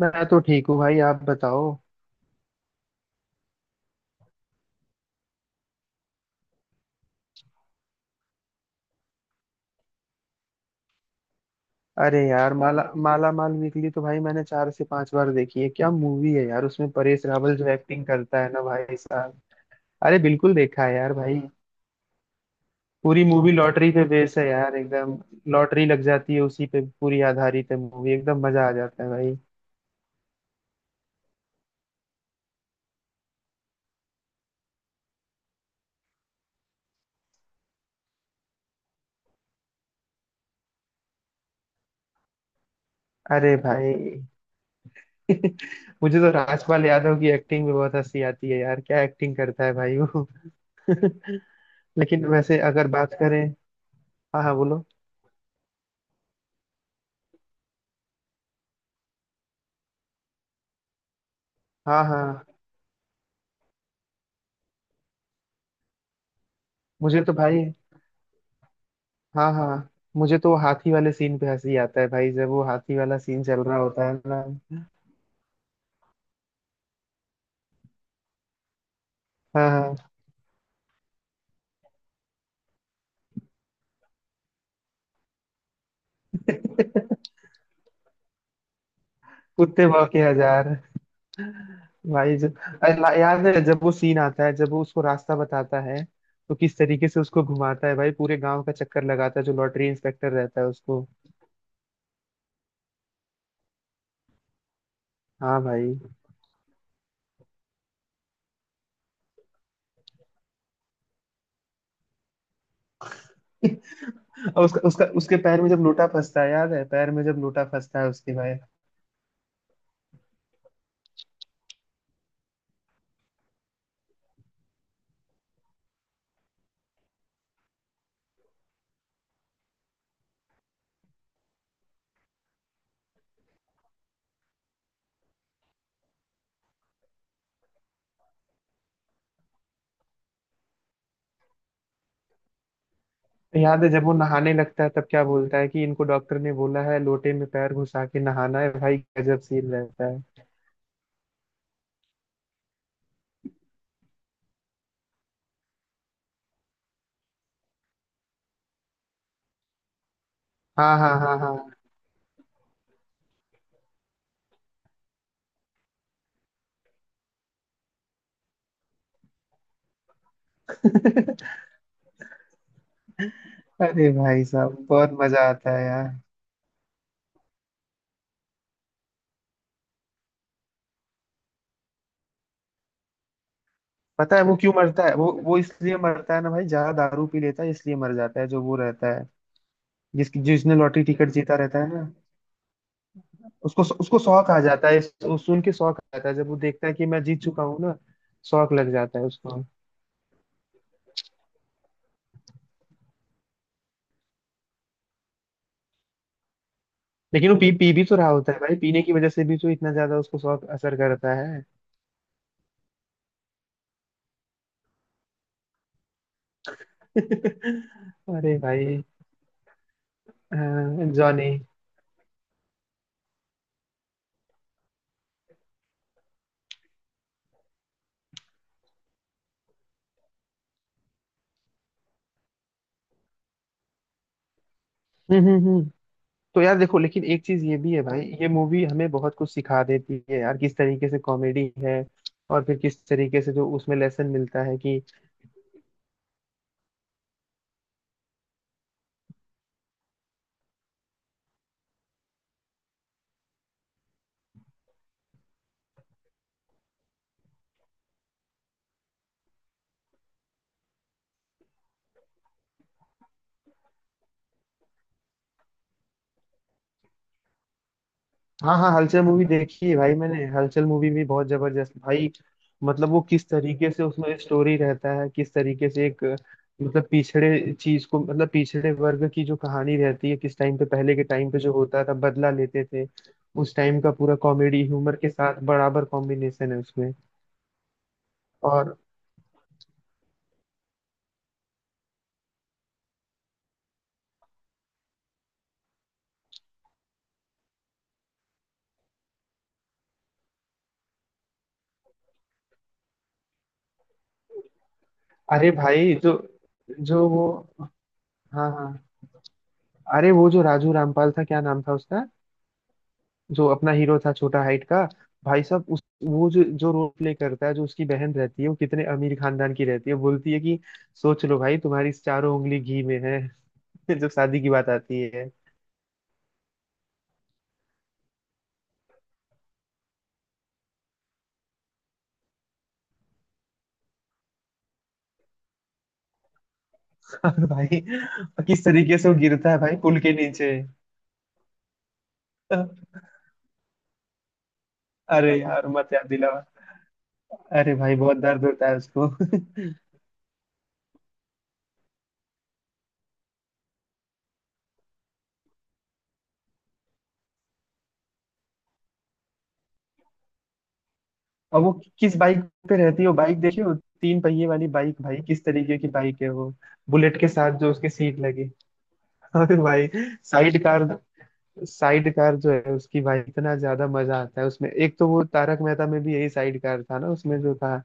मैं तो ठीक हूँ भाई, आप बताओ। अरे यार, माला माला माल वीकली तो भाई मैंने 4 से 5 बार देखी है। क्या मूवी है यार, उसमें परेश रावल जो एक्टिंग करता है ना भाई साहब। अरे बिल्कुल देखा है यार भाई। पूरी मूवी लॉटरी पे बेस है यार एकदम। लॉटरी लग जाती है, उसी पे पूरी आधारित है मूवी, एकदम मजा आ जाता है भाई। अरे भाई। मुझे तो राजपाल यादव की एक्टिंग भी बहुत हंसी आती है यार, क्या एक्टिंग करता है भाई वो। लेकिन वैसे अगर बात करें। हाँ हाँ बोलो। हाँ हाँ, मुझे तो भाई, हाँ हाँ, मुझे तो वो हाथी वाले सीन पे हंसी आता है भाई, जब वो हाथी वाला सीन चल रहा होता है ना। हाँ हाँ। कुत्ते भौंके हजार। भाई जो याद है, जब वो सीन आता है जब वो उसको रास्ता बताता है, तो किस तरीके से उसको घुमाता है भाई, पूरे गांव का चक्कर लगाता है जो लॉटरी इंस्पेक्टर रहता है उसको। हाँ भाई। और उसका उसका उसके पैर में जब लोटा फंसता है, याद है पैर में जब लोटा फंसता है उसके भाई। याद है जब वो नहाने लगता है तब क्या बोलता है कि इनको डॉक्टर ने बोला है लोटे में पैर घुसा के नहाना है, भाई गजब सीन रहता है। हाँ हाँ हाँ हाँ। अरे भाई साहब बहुत मजा आता है यार। पता है वो क्यों मरता है, वो इसलिए मरता है ना भाई, ज्यादा दारू पी लेता है इसलिए मर जाता है जो वो रहता है। जिसकी जिसने लॉटरी टिकट जीता रहता है ना, उसको उसको शौक आ जाता है, सुन के शौक आ जाता है, जब वो देखता है कि मैं जीत चुका हूँ ना। शौक लग जाता है उसको। लेकिन वो पी पी भी तो रहा होता है भाई, पीने की वजह से भी तो इतना ज्यादा उसको शौक असर करता है। अरे भाई। अ, जॉनी। हम्म हम्म हम्म। तो यार देखो, लेकिन एक चीज ये भी है भाई, ये मूवी हमें बहुत कुछ सिखा देती है यार, किस तरीके से कॉमेडी है, और फिर किस तरीके से जो उसमें लेसन मिलता है कि। हाँ हाँ, हलचल मूवी देखी है भाई मैंने, हलचल मूवी भी बहुत जबरदस्त भाई। मतलब वो किस तरीके से उसमें स्टोरी रहता है, किस तरीके से एक, मतलब पिछड़े चीज को, मतलब पिछड़े वर्ग की जो कहानी रहती है, किस टाइम पे पहले के टाइम पे जो होता था बदला लेते थे। उस टाइम का पूरा कॉमेडी ह्यूमर के साथ बराबर कॉम्बिनेशन है उसमें। और अरे भाई जो, जो वो, हाँ हाँ, अरे वो जो राजू रामपाल था, क्या नाम था उसका, जो अपना हीरो था छोटा हाइट का। भाई साहब उस वो जो जो रोल प्ले करता है, जो उसकी बहन रहती है, वो कितने अमीर खानदान की रहती है, बोलती है कि, सोच लो भाई तुम्हारी चारों उंगली घी में है। जब शादी की बात आती है। और भाई किस तरीके से वो गिरता है भाई पुल के नीचे। अरे यार मत याद दिला। अरे भाई बहुत दर्द होता है उसको। और वो किस बाइक पे रहती है वो, बाइक देखिए वो, तीन पहिए वाली बाइक भाई, किस तरीके की बाइक है वो। बुलेट के साथ जो उसके सीट लगी। अरे भाई साइड कार। साइड कार जो है उसकी भाई, इतना ज्यादा मजा आता है उसमें। एक तो वो तारक मेहता में भी यही साइड कार था ना उसमें जो था।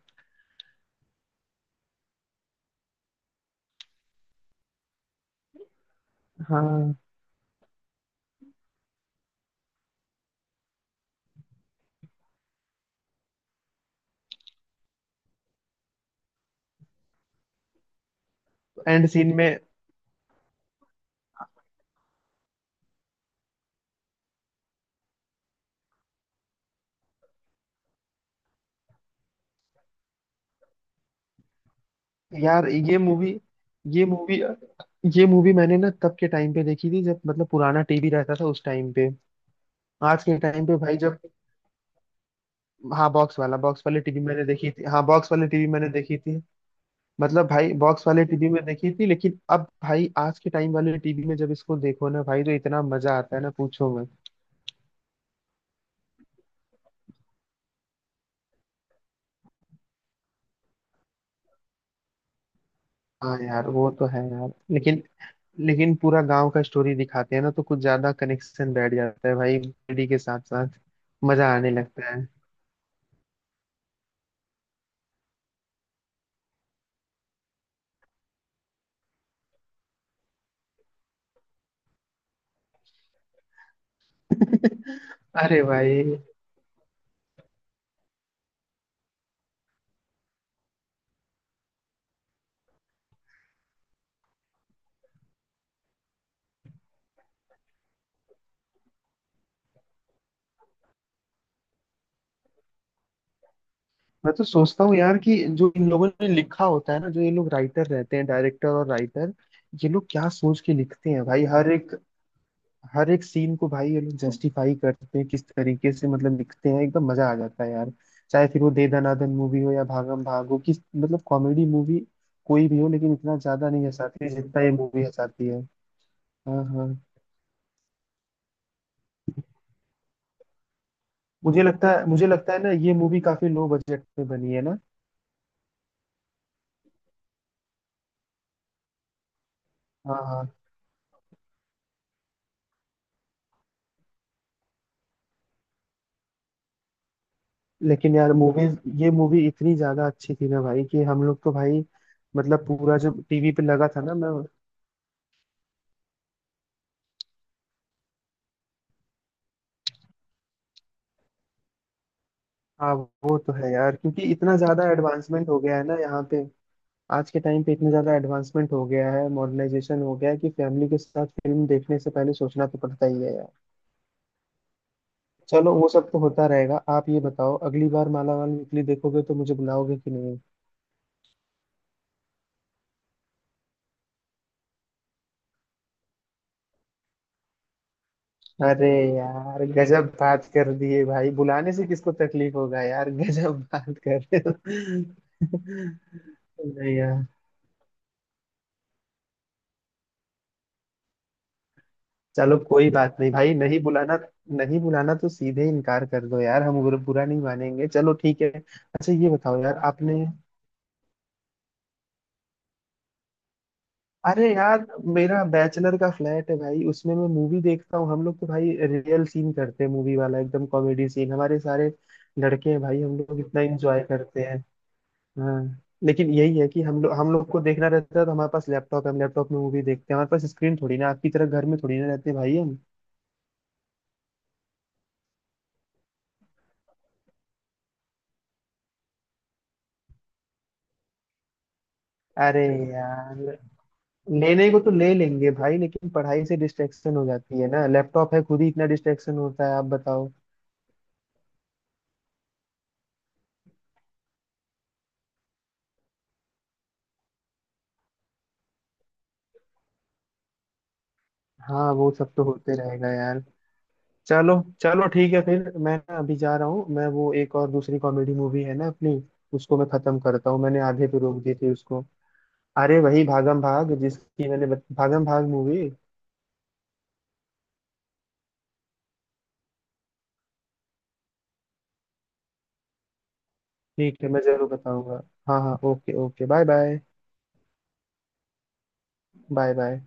हाँ। एंड सीन में। यार ये मूवी ये मूवी मैंने ना तब के टाइम पे देखी थी जब मतलब पुराना टीवी रहता था उस टाइम पे। आज के टाइम पे भाई जब, हाँ बॉक्स वाला, बॉक्स वाले टीवी मैंने देखी थी, हाँ बॉक्स वाले टीवी मैंने देखी थी। मतलब भाई बॉक्स वाले टीवी में देखी थी, लेकिन अब भाई आज के टाइम वाले टीवी में जब इसको देखो ना भाई तो इतना मजा आता है ना पूछो मत। हाँ यार वो तो है यार, लेकिन, लेकिन पूरा गांव का स्टोरी दिखाते हैं ना तो कुछ ज्यादा कनेक्शन बैठ जाता है भाई, कॉमेडी के साथ साथ मजा आने लगता है। अरे भाई। मैं तो सोचता हूँ यार कि जो इन लोगों ने लिखा होता है ना, जो ये लोग राइटर रहते हैं, डायरेक्टर और राइटर, ये लोग क्या सोच के लिखते हैं भाई। हर एक, हर एक सीन को भाई ये लोग जस्टिफाई करते हैं, किस तरीके से मतलब लिखते हैं एकदम मजा आ जाता है यार। चाहे फिर वो दे दनादन मूवी हो या भागम भाग हो, किस, मतलब कॉमेडी मूवी कोई भी हो, लेकिन इतना ज्यादा नहीं हंसाती है जितना ये मूवी हंसाती है। हाँ हाँ। मुझे लगता है ना ये मूवी काफी लो बजट में बनी है ना। हाँ हाँ। लेकिन यार मूवीज, ये मूवी इतनी ज्यादा अच्छी थी ना भाई कि हम लोग तो भाई, मतलब पूरा जो टीवी पे लगा था ना मैं। हाँ वो तो है यार, क्योंकि इतना ज्यादा एडवांसमेंट हो गया है ना यहाँ पे। आज के टाइम पे इतना ज्यादा एडवांसमेंट हो गया है, मॉडर्नाइजेशन हो गया है, कि फैमिली के साथ फिल्म देखने से पहले सोचना तो पड़ता ही है यार। चलो वो सब तो होता रहेगा, आप ये बताओ अगली बार मालामाल वीकली देखोगे तो मुझे बुलाओगे कि नहीं। अरे यार गजब बात कर दिए भाई, बुलाने से किसको तकलीफ होगा यार। गजब बात कर रहे हो। नहीं यार। चलो कोई बात नहीं भाई, नहीं बुलाना। नहीं बुलाना तो सीधे इनकार कर दो यार, हम बुरा बुरा नहीं मानेंगे। चलो ठीक है, अच्छा ये बताओ यार आपने। अरे यार मेरा बैचलर का फ्लैट है भाई, उसमें मैं मूवी देखता हूँ, हम लोग तो भाई रियल सीन करते हैं, मूवी वाला एकदम कॉमेडी सीन, हमारे सारे लड़के हैं भाई, हम लोग इतना एंजॉय करते। हाँ लेकिन यही है कि हम लोग को देखना रहता है तो हमारे पास लैपटॉप है, हम लैपटॉप में मूवी देखते हैं, हमारे पास स्क्रीन थोड़ी ना आपकी तरह घर में, थोड़ी ना रहते भाई हम। अरे यार, लेने को तो ले लेंगे भाई, लेकिन पढ़ाई से डिस्ट्रैक्शन हो जाती है ना, लैपटॉप है खुद ही इतना डिस्ट्रैक्शन होता है, आप बताओ। हाँ वो सब तो होते रहेगा यार। चलो। चलो ठीक है, फिर मैं ना अभी जा रहा हूँ, मैं वो एक और दूसरी कॉमेडी मूवी है ना अपनी, उसको मैं खत्म करता हूँ, मैंने आधे पे रोक दी थी उसको। अरे वही भागम भाग, जिसकी मैंने भागम भाग मूवी। ठीक है मैं जरूर बताऊंगा। हाँ हाँ, okay okay, bye bye. Bye bye.